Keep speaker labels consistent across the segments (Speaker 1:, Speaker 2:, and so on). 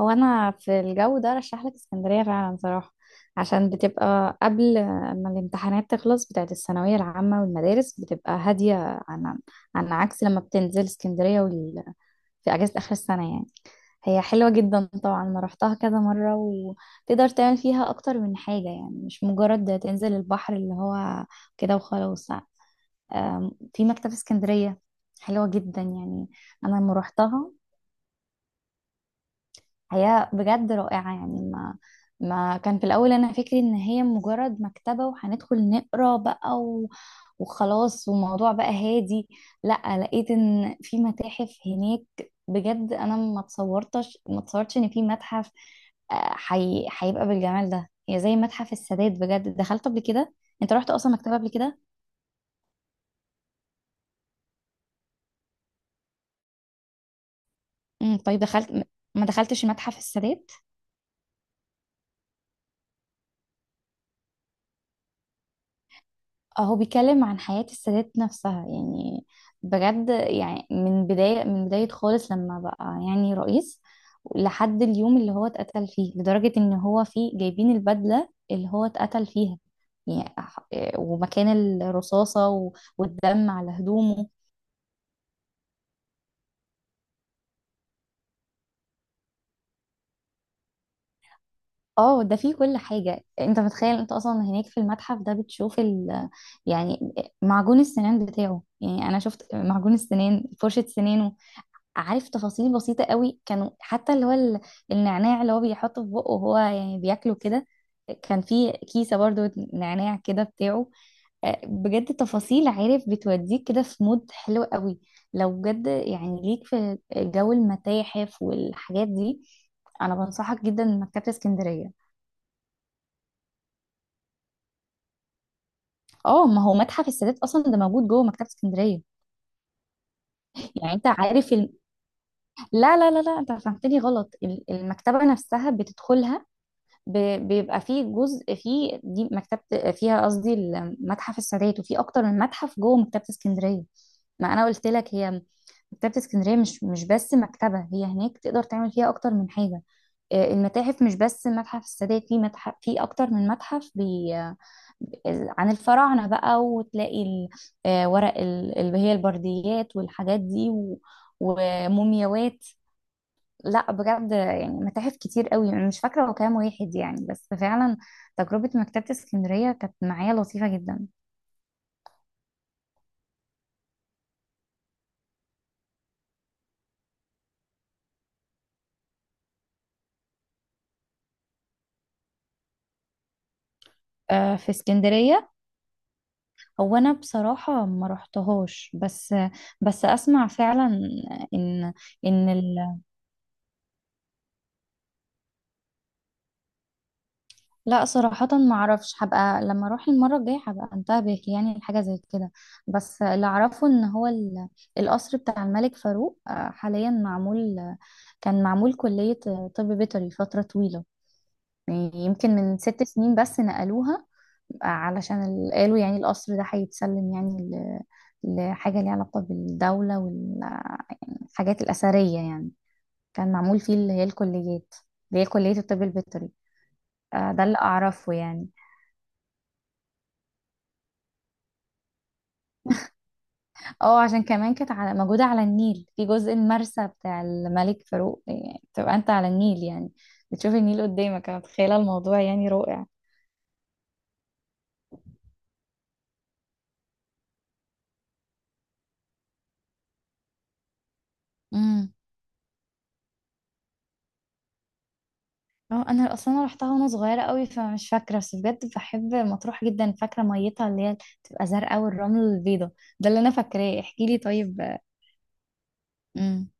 Speaker 1: هو انا في الجو ده رشح لك اسكندريه فعلا صراحه، عشان بتبقى قبل ما الامتحانات تخلص بتاعت الثانويه العامه، والمدارس بتبقى هاديه عن عن عكس لما بتنزل اسكندريه في اجازه اخر السنه يعني. هي حلوه جدا طبعا، انا رحتها كذا مره وتقدر تعمل فيها اكتر من حاجه، يعني مش مجرد تنزل البحر اللي هو كده وخلاص. في مكتبه اسكندريه حلوه جدا يعني. انا لما رحتها هي بجد رائعة يعني، ما كان في الأول أنا فكري إن هي مجرد مكتبة وهندخل نقرا بقى وخلاص والموضوع بقى هادي. لا، لقيت إن في متاحف هناك بجد، أنا ما تصورتش إن في متحف، هيبقى بالجمال ده. هي زي متحف السادات، بجد دخلت قبل كده. أنت رحت أصلا مكتبة قبل كده؟ امم، طيب دخلت، ما دخلتش متحف السادات؟ هو بيتكلم عن حياة السادات نفسها يعني، بجد يعني من بداية خالص لما بقى يعني رئيس لحد اليوم اللي هو اتقتل فيه، لدرجة ان هو فيه جايبين البدلة اللي هو اتقتل فيها يعني. ومكان الرصاصة والدم على هدومه. اه، ده فيه كل حاجة انت متخيل، انت اصلا هناك في المتحف ده بتشوف يعني معجون السنان بتاعه. يعني انا شفت معجون السنان، فرشة سنانه، عارف، تفاصيل بسيطة قوي كانوا، حتى اللي هو النعناع اللي هو بيحطه في بقه وهو يعني بياكله كده، كان في كيسة برضو نعناع كده بتاعه. آه، بجد تفاصيل، عارف، بتوديك كده في مود حلو قوي. لو بجد يعني ليك في جو المتاحف والحاجات دي، انا بنصحك جدا مكتبة اسكندرية. اه، ما هو متحف السادات اصلا ده موجود جوه مكتبة اسكندرية. يعني انت عارف لا لا لا لا، انت فهمتني غلط. المكتبة نفسها بتدخلها، بيبقى فيه جزء فيه، دي مكتبة فيها، قصدي المتحف السادات، وفي أكتر من متحف جوه مكتبة اسكندرية. ما أنا قلت لك هي مكتبة اسكندرية، مش بس مكتبة، هي هناك تقدر تعمل فيها أكتر من حاجة. آه، المتاحف مش بس متحف السادات، في متحف، في أكتر من متحف، بي آه، عن الفراعنة بقى، وتلاقي ورق اللي هي البرديات والحاجات دي ومومياوات. لا بجد يعني متاحف كتير قوي، انا مش فاكره هو كام واحد يعني، بس فعلا تجربه مكتبه اسكندريه كانت معايا لطيفه جدا. آه، في اسكندريه. هو انا بصراحه ما رحتهاش، بس بس اسمع فعلا ان ان لا صراحه ما اعرفش، هبقى لما اروح المره الجايه هبقى انتبه يعني لحاجه زي كده. بس اللي اعرفه ان هو القصر بتاع الملك فاروق آه، حاليا معمول، كان معمول كليه طب بيطري فتره طويله، يعني يمكن من ست سنين بس نقلوها. علشان قالوا يعني القصر ده هيتسلم يعني لحاجة ليها علاقة بالدولة والحاجات الأثرية يعني. كان معمول فيه اللي هي الكليات، اللي هي كلية الطب البيطري. آه، ده اللي أعرفه يعني. اه، عشان كمان كانت موجودة على النيل في جزء المرسى بتاع الملك فاروق، يعني تبقى أنت على النيل يعني، بتشوف النيل قدامك، أنا متخيلة الموضوع يعني. رائع. اه انا اصلا انا رحتها وانا صغيره قوي فمش فاكره، بس بجد بحب مطروح جدا، فاكره ميتها اللي هي بتبقى زرقاء والرمل البيضه، ده اللي انا فاكراه، احكي لي طيب. امم.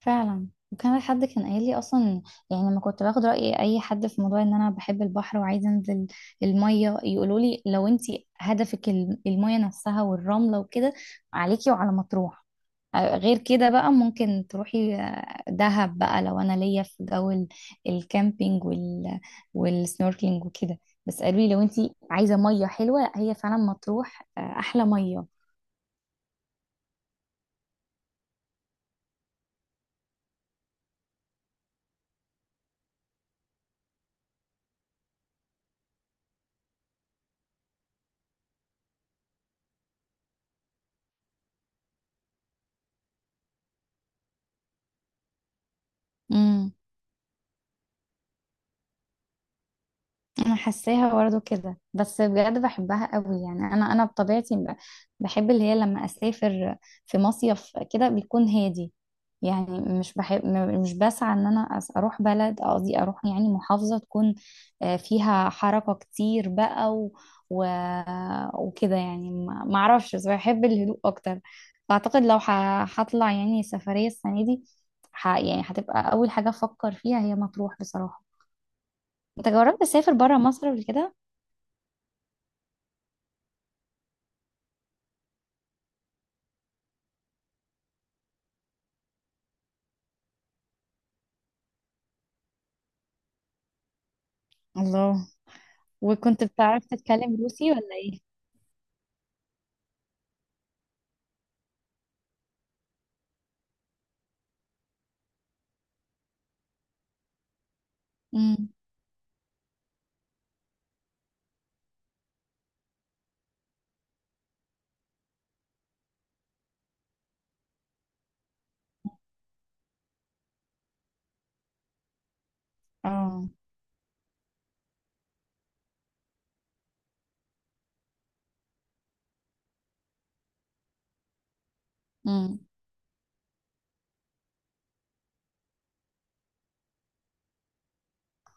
Speaker 1: فعلا، وكان حد كان قايل لي اصلا يعني لما كنت باخد راي اي حد في موضوع ان انا بحب البحر وعايزه انزل الميه، يقولوا لي لو انت هدفك الميه نفسها والرمله وكده، عليكي وعلى مطروح. آه، غير كده بقى ممكن تروحي آه، دهب بقى لو انا ليا في جو الكامبينج والسنوركلينج وكده. بس قالوا لي لو انت عايزه ميه حلوه، هي فعلا مطروح آه، احلى ميه. امم. انا حاساها برضه كده، بس بجد بحبها قوي يعني، انا انا بطبيعتي بحب اللي هي لما اسافر في مصيف كده بيكون هادي يعني، مش بحب مش بسعى ان انا اروح بلد، قصدي اروح يعني محافظة تكون آه، فيها حركة كتير بقى و... وكده يعني، ما اعرفش، بس بحب الهدوء اكتر. فاعتقد لو هطلع يعني سفرية السنة دي، ح... يعني هتبقى اول حاجة افكر فيها هي مطروح بصراحة. انت جربت تسافر برا مصر قبل كده؟ الله. وكنت بتعرف تتكلم روسي ولا ايه؟ امم. اه. امم.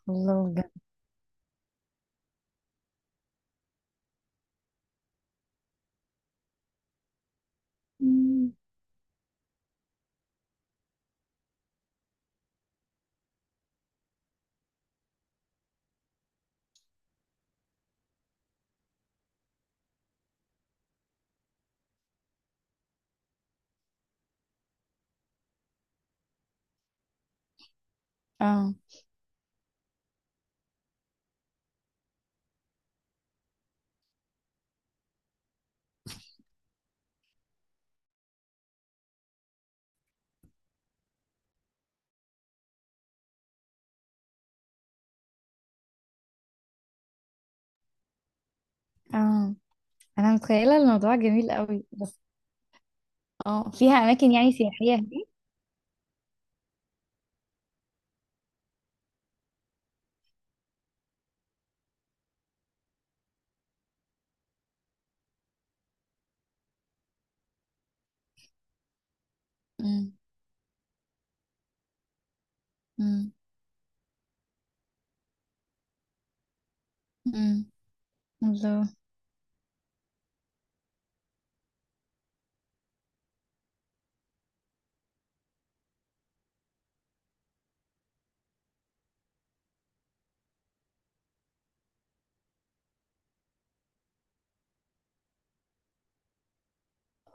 Speaker 1: الله، بجد. مم. اه. اه، انا متخيله الموضوع جميل قوي. بس اه، فيها اماكن يعني سياحيه هناك؟ امم. امم. امم. الله.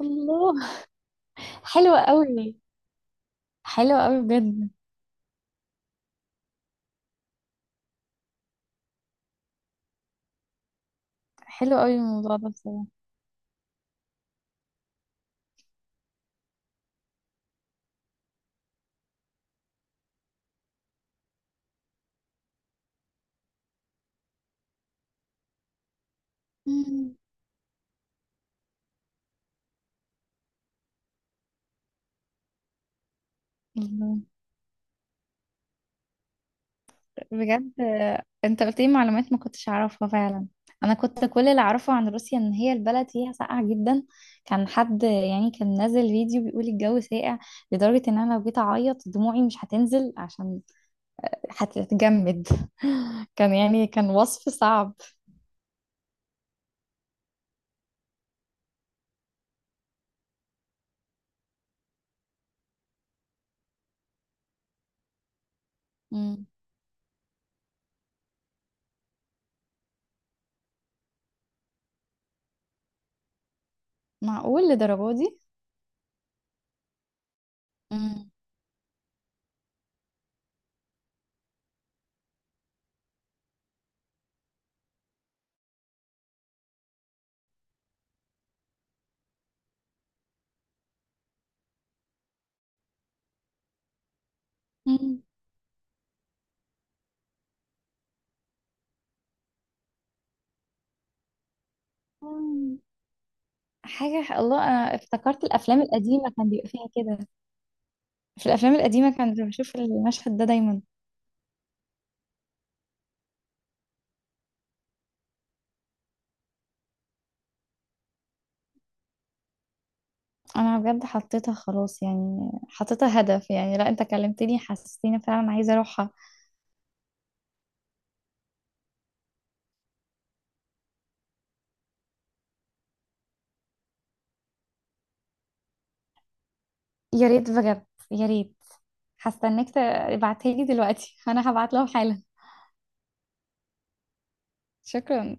Speaker 1: الله. حلو قوي. حلو قوي بجد. حلو قوي الموضوع ده بصراحه. امم. الله، بجد. انت قلت لي معلومات ما كنتش اعرفها فعلا. انا كنت كل اللي اعرفه عن روسيا ان هي البلد فيها ساقعه جدا. كان حد يعني كان نازل فيديو بيقول الجو ساقع لدرجه ان انا لو جيت اعيط دموعي مش هتنزل عشان هتجمد. كان يعني كان وصف صعب. مم. معقول لدرجه دي؟ مم. مم. مم. حاجه. الله، انا افتكرت الافلام القديمه كان بيبقى فيها كده. في الافلام القديمه كان بشوف المشهد ده دايما. انا بجد حطيتها خلاص يعني، حطيتها هدف يعني، لا انت كلمتني حسستيني فعلا عايزه اروحها. يا ريت بجد، يا ريت. هستناك. تبعتها لي دلوقتي؟ انا هبعت لهم حالا. شكرا.